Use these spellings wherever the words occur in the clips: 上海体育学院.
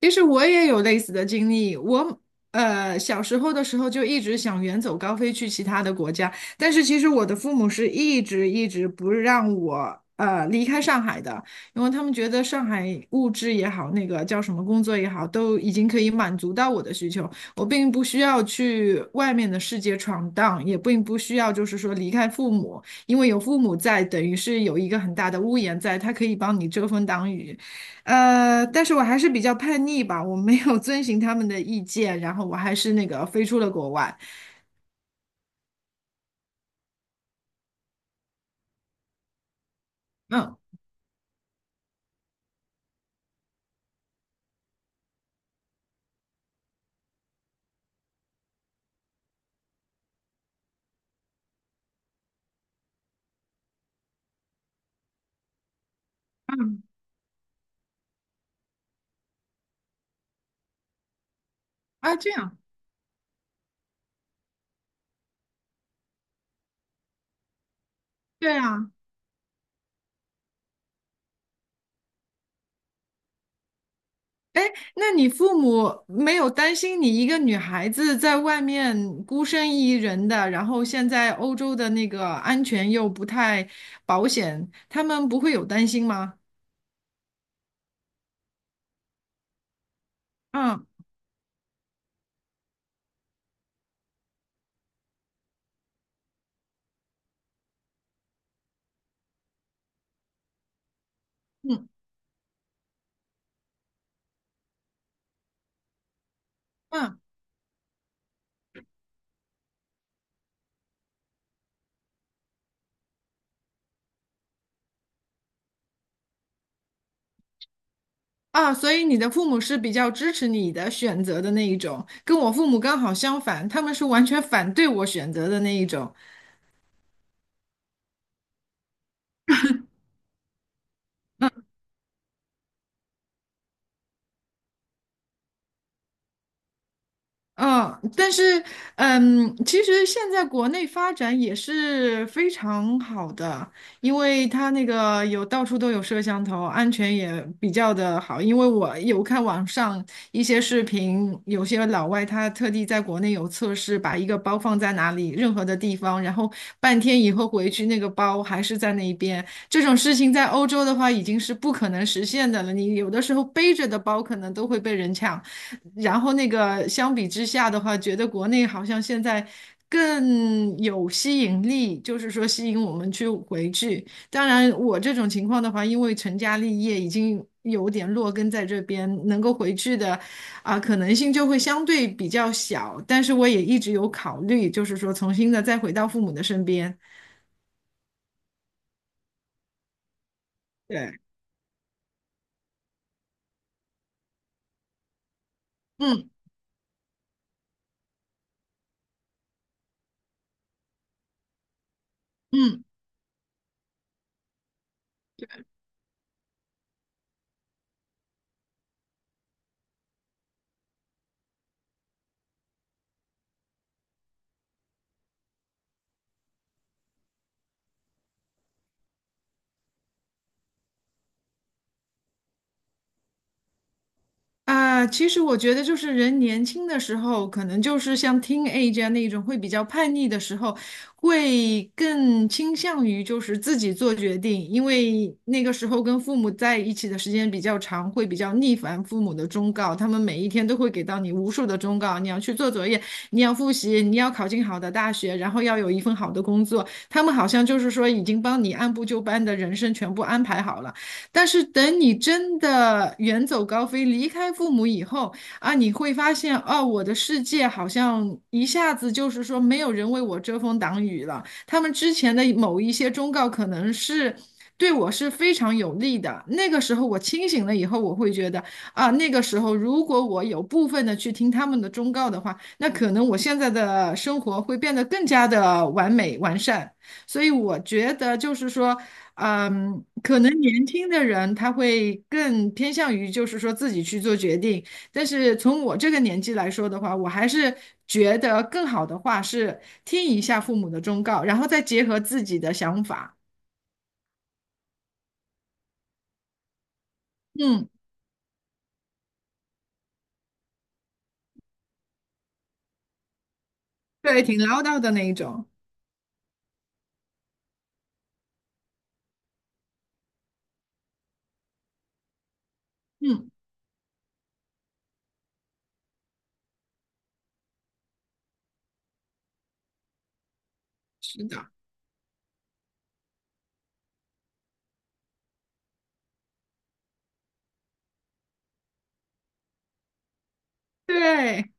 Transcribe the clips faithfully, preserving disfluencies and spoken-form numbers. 其实我也有类似的经历，我呃小时候的时候就一直想远走高飞去其他的国家，但是其实我的父母是一直一直不让我呃离开上海的，因为他们觉得上海物质也好，那个叫什么工作也好，都已经可以满足到我的需求，我并不需要去外面的世界闯荡，也并不需要就是说离开父母，因为有父母在，等于是有一个很大的屋檐在，他可以帮你遮风挡雨。呃，但是我还是比较叛逆吧，我没有遵循他们的意见，然后我还是那个飞出了国外。嗯嗯。啊，这样。对啊，哎，那你父母没有担心你一个女孩子在外面孤身一人的，然后现在欧洲的那个安全又不太保险，他们不会有担心吗？嗯嗯嗯，啊，所以你的父母是比较支持你的选择的那一种，跟我父母刚好相反，他们是完全反对我选择的那一种。嗯，但是，嗯，其实现在国内发展也是非常好的，因为它那个有到处都有摄像头，安全也比较的好。因为我有看网上一些视频，有些老外他特地在国内有测试，把一个包放在哪里，任何的地方，然后半天以后回去，那个包还是在那一边。这种事情在欧洲的话已经是不可能实现的了。你有的时候背着的包可能都会被人抢，然后那个相比之下的话，觉得国内好像现在更有吸引力，就是说吸引我们去回去。当然，我这种情况的话，因为成家立业已经有点落根在这边，能够回去的啊、可能性就会相对比较小。但是我也一直有考虑，就是说重新的再回到父母的身边。对，嗯嗯。啊，其实我觉得就是人年轻的时候，可能就是像 teenage 啊那种会比较叛逆的时候，会更倾向于就是自己做决定，因为那个时候跟父母在一起的时间比较长，会比较逆反父母的忠告，他们每一天都会给到你无数的忠告，你要去做作业，你要复习，你要考进好的大学，然后要有一份好的工作，他们好像就是说已经帮你按部就班的人生全部安排好了。但是等你真的远走高飞，离开父母以后啊，你会发现，哦，我的世界好像一下子就是说没有人为我遮风挡雨了。他们之前的某一些忠告，可能是对我是非常有利的。那个时候我清醒了以后，我会觉得啊，那个时候如果我有部分的去听他们的忠告的话，那可能我现在的生活会变得更加的完美完善。所以我觉得就是说，嗯，可能年轻的人他会更偏向于就是说自己去做决定，但是从我这个年纪来说的话，我还是觉得更好的话是听一下父母的忠告，然后再结合自己的想法。嗯，对，挺唠叨的那一种。嗯，是的，对。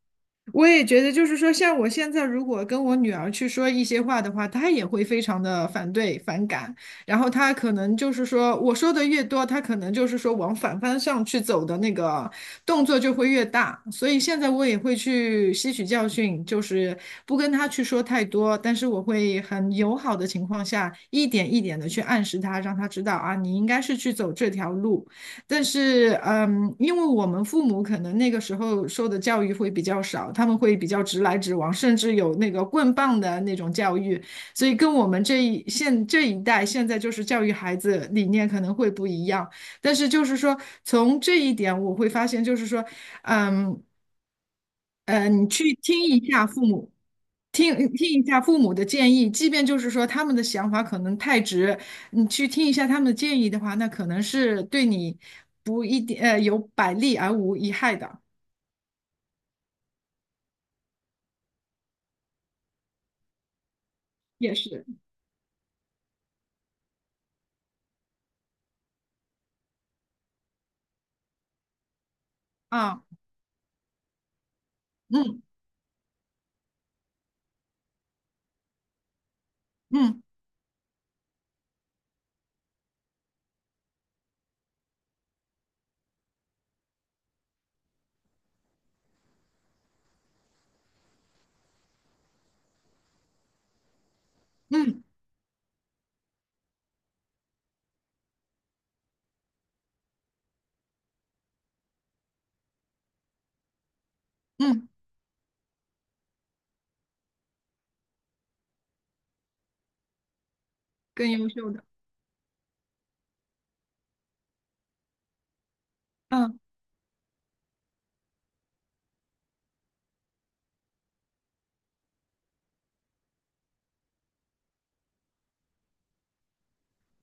我也觉得，就是说，像我现在如果跟我女儿去说一些话的话，她也会非常的反对、反感。然后她可能就是说，我说的越多，她可能就是说往反方向去走的那个动作就会越大。所以现在我也会去吸取教训，就是不跟她去说太多，但是我会很友好的情况下，一点一点的去暗示她，让她知道啊，你应该是去走这条路。但是，嗯，因为我们父母可能那个时候受的教育会比较少，他们会比较直来直往，甚至有那个棍棒的那种教育，所以跟我们这一现这一代现在就是教育孩子理念可能会不一样。但是就是说，从这一点我会发现，就是说，嗯。呃，你去听一下父母，听听一下父母的建议，即便就是说他们的想法可能太直，你去听一下他们的建议的话，那可能是对你不一定呃有百利而无一害的，也是啊，嗯嗯嗯嗯，更优秀的，嗯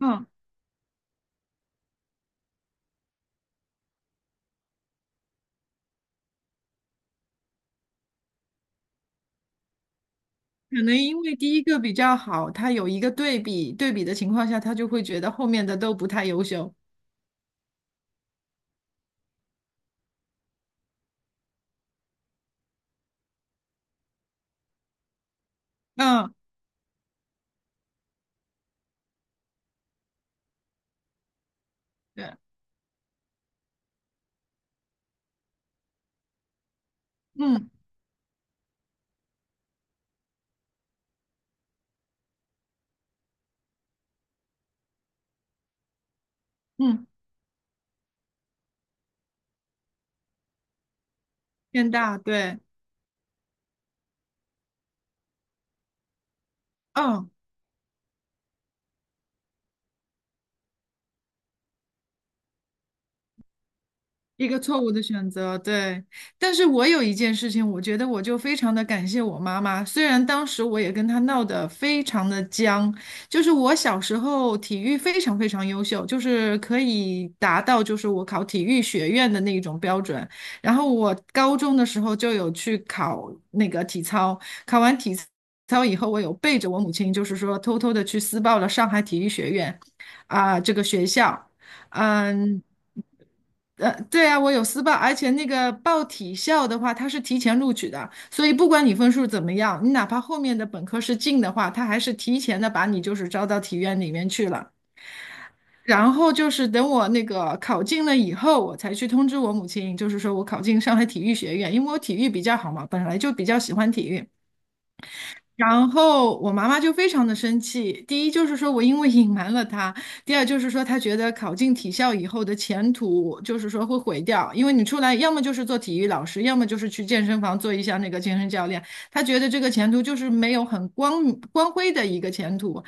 嗯，可能因为第一个比较好，他有一个对比，对比的情况下，他就会觉得后面的都不太优秀，嗯，对，嗯嗯，偏大，对，嗯。一个错误的选择，对。但是我有一件事情，我觉得我就非常的感谢我妈妈，虽然当时我也跟她闹得非常的僵，就是我小时候体育非常非常优秀，就是可以达到就是我考体育学院的那一种标准。然后我高中的时候就有去考那个体操，考完体操以后，我有背着我母亲，就是说偷偷的去私报了上海体育学院，啊、这个学校。嗯，呃，对啊，我有私报，而且那个报体校的话，它是提前录取的，所以不管你分数怎么样，你哪怕后面的本科是进的话，他还是提前的把你就是招到体院里面去了。然后就是等我那个考进了以后，我才去通知我母亲，就是说我考进上海体育学院，因为我体育比较好嘛，本来就比较喜欢体育。然后我妈妈就非常的生气，第一就是说我因为隐瞒了她，第二就是说她觉得考进体校以后的前途就是说会毁掉，因为你出来要么就是做体育老师，要么就是去健身房做一下那个健身教练，她觉得这个前途就是没有很光光辉的一个前途，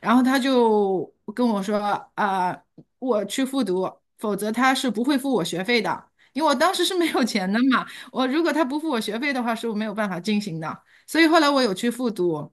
然后她就跟我说啊、我去复读，否则他是不会付我学费的，因为我当时是没有钱的嘛，我如果他不付我学费的话，是我没有办法进行的。所以后来我有去复读，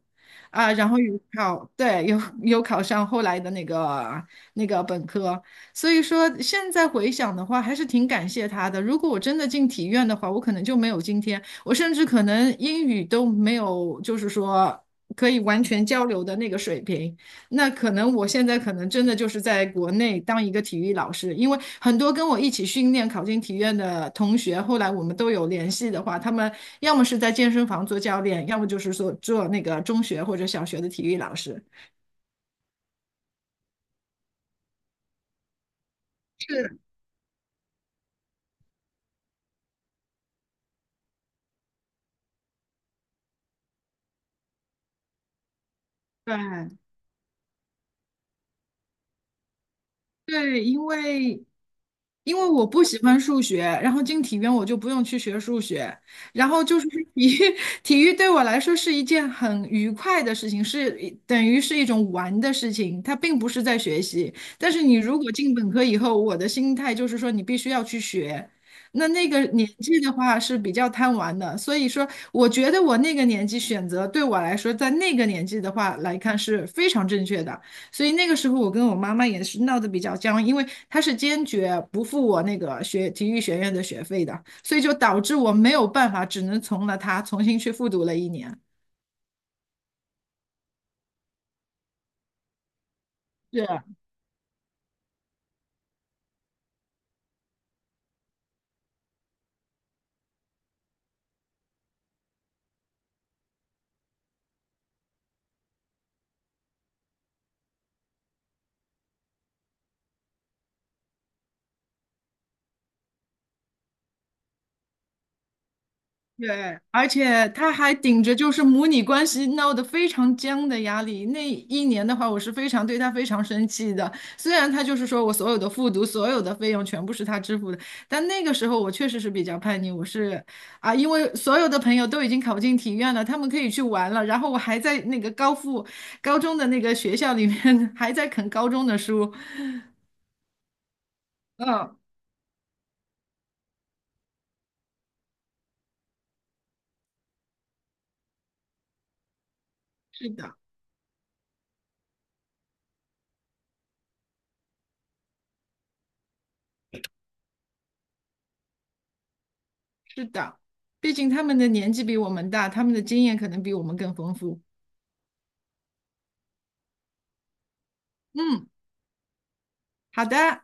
啊，然后有考，对，有有考上后来的那个那个本科，所以说现在回想的话，还是挺感谢他的。如果我真的进体院的话，我可能就没有今天，我甚至可能英语都没有，就是说可以完全交流的那个水平。那可能我现在可能真的就是在国内当一个体育老师，因为很多跟我一起训练考进体院的同学，后来我们都有联系的话，他们要么是在健身房做教练，要么就是说做那个中学或者小学的体育老师。是，对对，因为因为我不喜欢数学，然后进体院我就不用去学数学，然后就是 体育，体育对我来说是一件很愉快的事情，是一等于是一种玩的事情，它并不是在学习。但是你如果进本科以后，我的心态就是说你必须要去学，那那个年纪的话是比较贪玩的，所以说我觉得我那个年纪选择对我来说，在那个年纪的话来看是非常正确的。所以那个时候我跟我妈妈也是闹得比较僵，因为她是坚决不付我那个学体育学院的学费的，所以就导致我没有办法，只能从了她重新去复读了一年。是，对，而且他还顶着就是母女关系闹得非常僵的压力。那一年的话，我是非常对他非常生气的。虽然他就是说我所有的复读、所有的费用全部是他支付的，但那个时候我确实是比较叛逆。我是啊，因为所有的朋友都已经考进体院了，他们可以去玩了，然后我还在那个高复高中的那个学校里面 还在啃高中的书。嗯，是的，是的，毕竟他们的年纪比我们大，他们的经验可能比我们更丰富。嗯。好的。